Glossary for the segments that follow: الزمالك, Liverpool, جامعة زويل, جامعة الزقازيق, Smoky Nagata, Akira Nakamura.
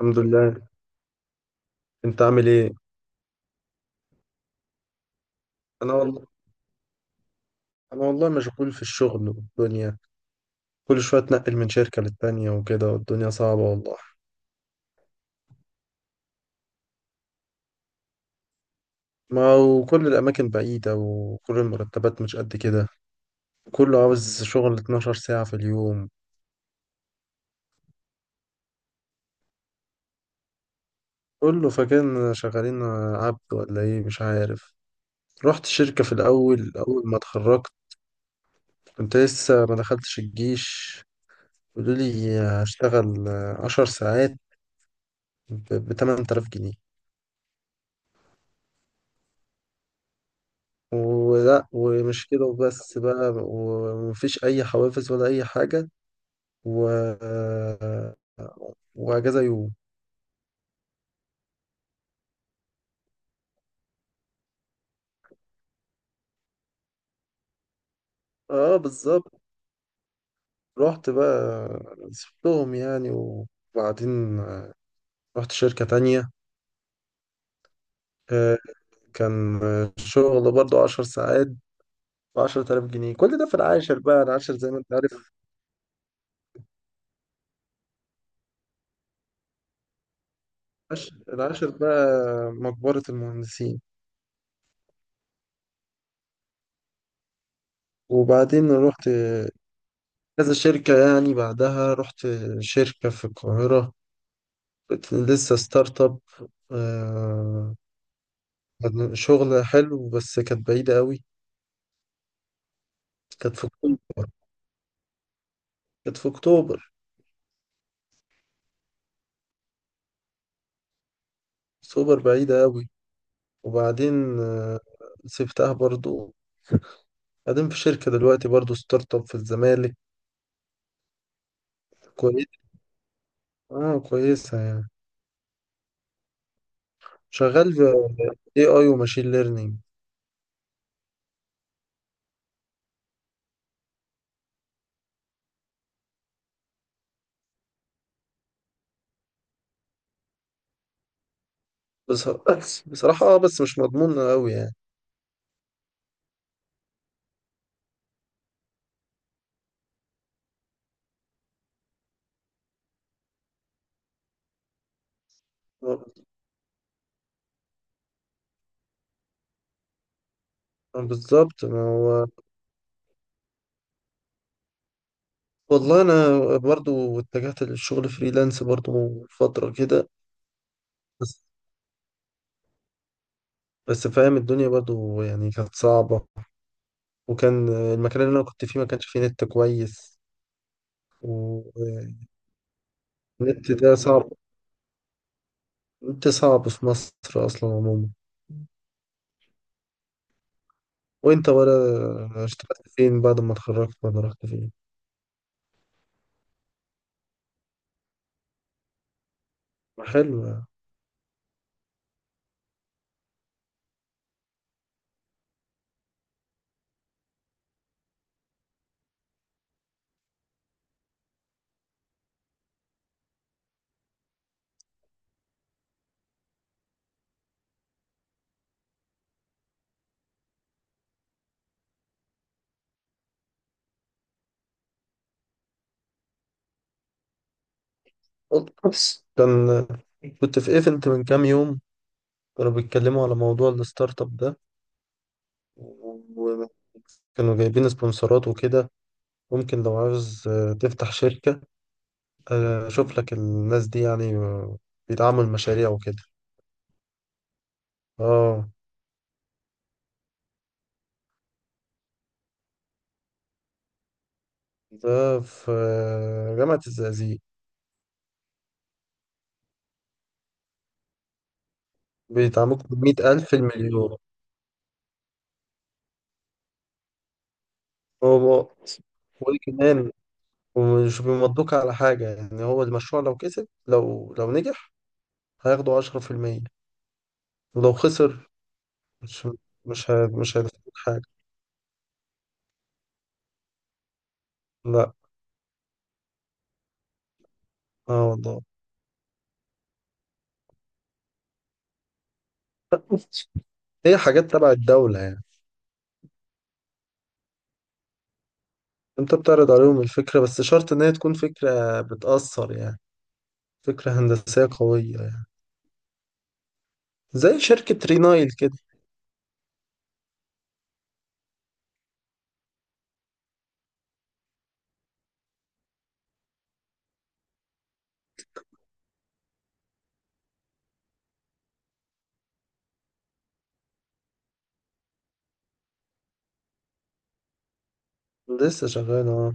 الحمد لله. انت عامل ايه؟ انا والله انا والله مشغول في الشغل والدنيا. كل شويه اتنقل من شركه للتانيه وكده، والدنيا صعبه والله. ما وكل الاماكن بعيده، وكل المرتبات مش قد كده. كله عاوز شغل 12 ساعه في اليوم. كله فاكرنا شغالين عبد ولا ايه، مش عارف. رحت الشركه في الاول اول ما اتخرجت، كنت لسه ما دخلتش الجيش. قالوا لي هشتغل 10 ساعات ب 8000 جنيه، ولا ومش كده وبس بقى، ومفيش أي حوافز ولا أي حاجة، و... وأجازة يوم. اه بالظبط. رحت بقى سبتهم يعني، وبعدين رحت شركة تانية. آه، كان شغل برضو 10 ساعات ب 10000 جنيه، كل ده في العاشر بقى، العاشر زي ما انت عارف، العاشر العاشر بقى مقبرة المهندسين. وبعدين رحت كذا شركة يعني، بعدها رحت شركة في القاهرة، كنت لسه ستارت اب. آه، يعني شغل حلو بس كانت بعيدة قوي. كانت في أكتوبر، كانت في أكتوبر، أكتوبر بعيدة قوي. وبعدين سبتها برضو. قاعدين في شركة دلوقتي برضو ستارت اب في الزمالك. كويس، اه كويسة يعني. شغال في اي اي وماشين ليرنينج. بس بصراحة بس مش مضمون قوي يعني. آه، بالظبط ما هو. والله انا برضو اتجهت للشغل فريلانس برضو فترة كده. بس فاهم الدنيا برضو يعني كانت صعبة، وكان المكان اللي أنا كنت فيه ما كانش فيه نت كويس. والنت ده صعب. النت صعب في مصر أصلا عموما. وأنت ولا اشتغلت فين بعد ما اتخرجت، ولا رحت فين؟ حلو يعني. بس كنت في ايفنت من كام يوم، كانوا بيتكلموا على موضوع الستارت اب ده، وكانوا جايبين سبونسرات وكده. ممكن لو عاوز تفتح شركة، أشوف لك الناس دي يعني، بيدعموا المشاريع وكده. اه، ده في جامعة الزقازيق. بيدعموك من 100000 المليون. هو وكمان ومش بيمضوك على حاجة يعني. هو المشروع لو كسب، لو نجح، هياخدوا 10%. ولو خسر مش مش هيدفعوك حاجة. لا. اه والله. هي حاجات تبع الدولة يعني. انت بتعرض عليهم الفكرة، بس شرط ان هي تكون فكرة بتأثر يعني، فكرة هندسية قوية، زي شركة رينايل كده. لسه شغال اه.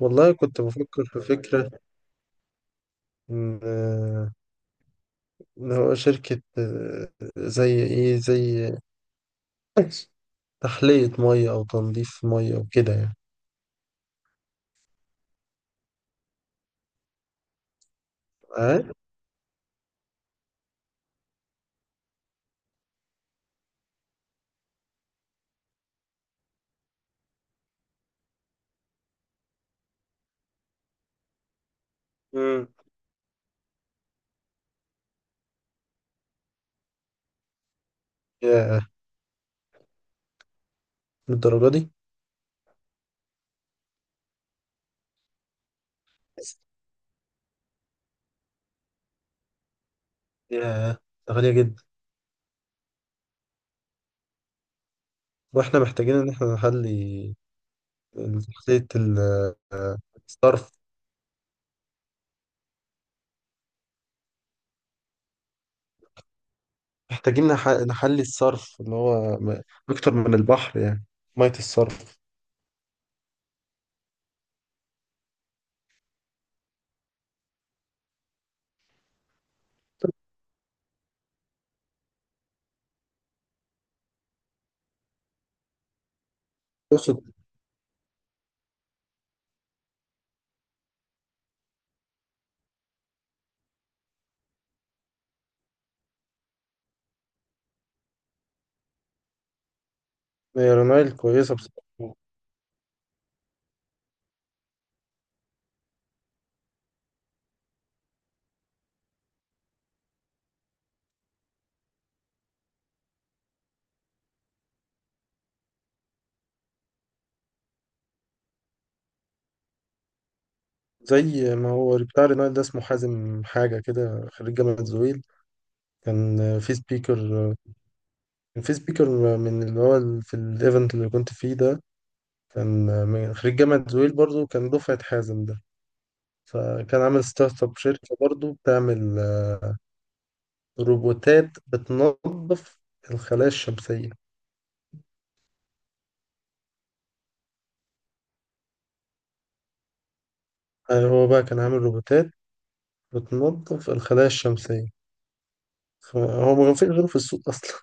والله كنت بفكر في فكرة، إن آه، إن هو شركة، زي إيه، زي تحلية مية أو تنظيف مية وكده يعني. اه. مم. ياه، للدرجة دي. ياه، ده غالية جدا. وإحنا محتاجين إن إحنا نحلي، تحلية آه، الصرف. محتاجين نحلي الصرف اللي هو أكتر من البحر يعني، مية الصرف. هي رونايل كويسة بصراحة. زي ما هو بتاع رونايل ده، اسمه حازم حاجة كده، خريج جامعة زويل. كان في سبيكر كان في سبيكر من اللي هو في الايفنت اللي كنت فيه ده. كان من خريج جامعة زويل برضو، كان دفعة حازم ده. فكان عامل ستارت اب شركة برضو بتعمل روبوتات بتنظف الخلايا الشمسية. يعني هو بقى كان عامل روبوتات بتنظف الخلايا الشمسية، فهو ما فيش غيره في السوق أصلا.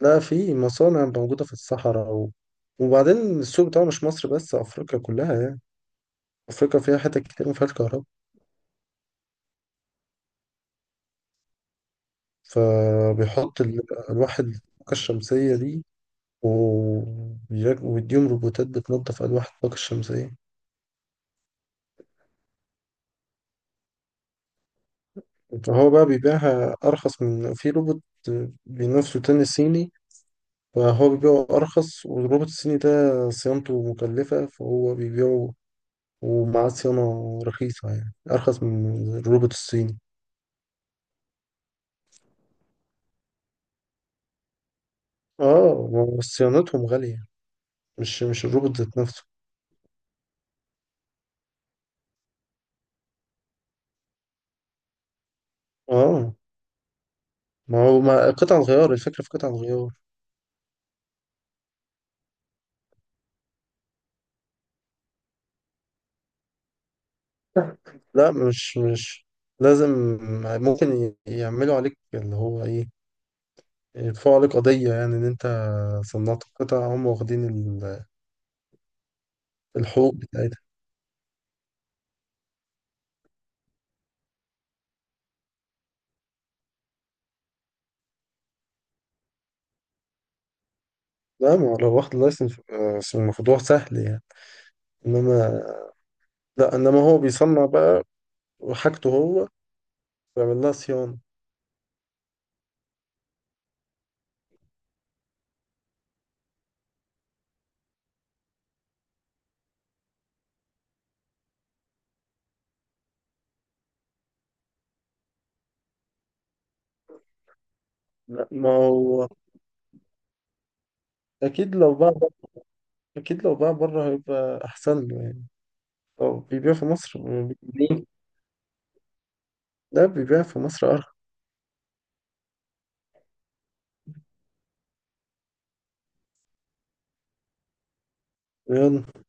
لا، في مصانع موجودة في الصحراء وبعدين السوق بتاعه مش مصر بس، أفريقيا كلها يعني. أفريقيا فيها حتت كتير ما فيهاش كهرباء، فبيحط ألواح الطاقة الشمسية دي، ويديهم روبوتات بتنظف ألواح الطاقة الشمسية. فهو بقى بيبيعها أرخص من في روبوت بينافسه تاني صيني. فهو بيبيعه أرخص، والروبوت الصيني ده صيانته مكلفة، فهو بيبيعه ومعاه صيانة رخيصة يعني أرخص من الروبوت الصيني. اه ما هو صيانتهم غالية، مش الروبوت ذات نفسه. اه، ما هو ما قطع الغيار، الفكرة في قطع الغيار. لا مش لازم. ممكن يعملوا عليك اللي هو ايه، يدفعوا عليك قضية يعني، ان انت صنعت قطع هم واخدين الحقوق بتاعتها. لا ما هو لو واخد لايسنس، الموضوع سهل يعني. انما لا، انما هو بيصنع بقى، وحاجته هو بيعمل لها صيانة. لا، ما هو اكيد لو باع اكيد لو باع بره هيبقى احسن له يعني. اه بيبيع في مصر. ليه؟ ده بيبيع في مصر أرخص. يلا.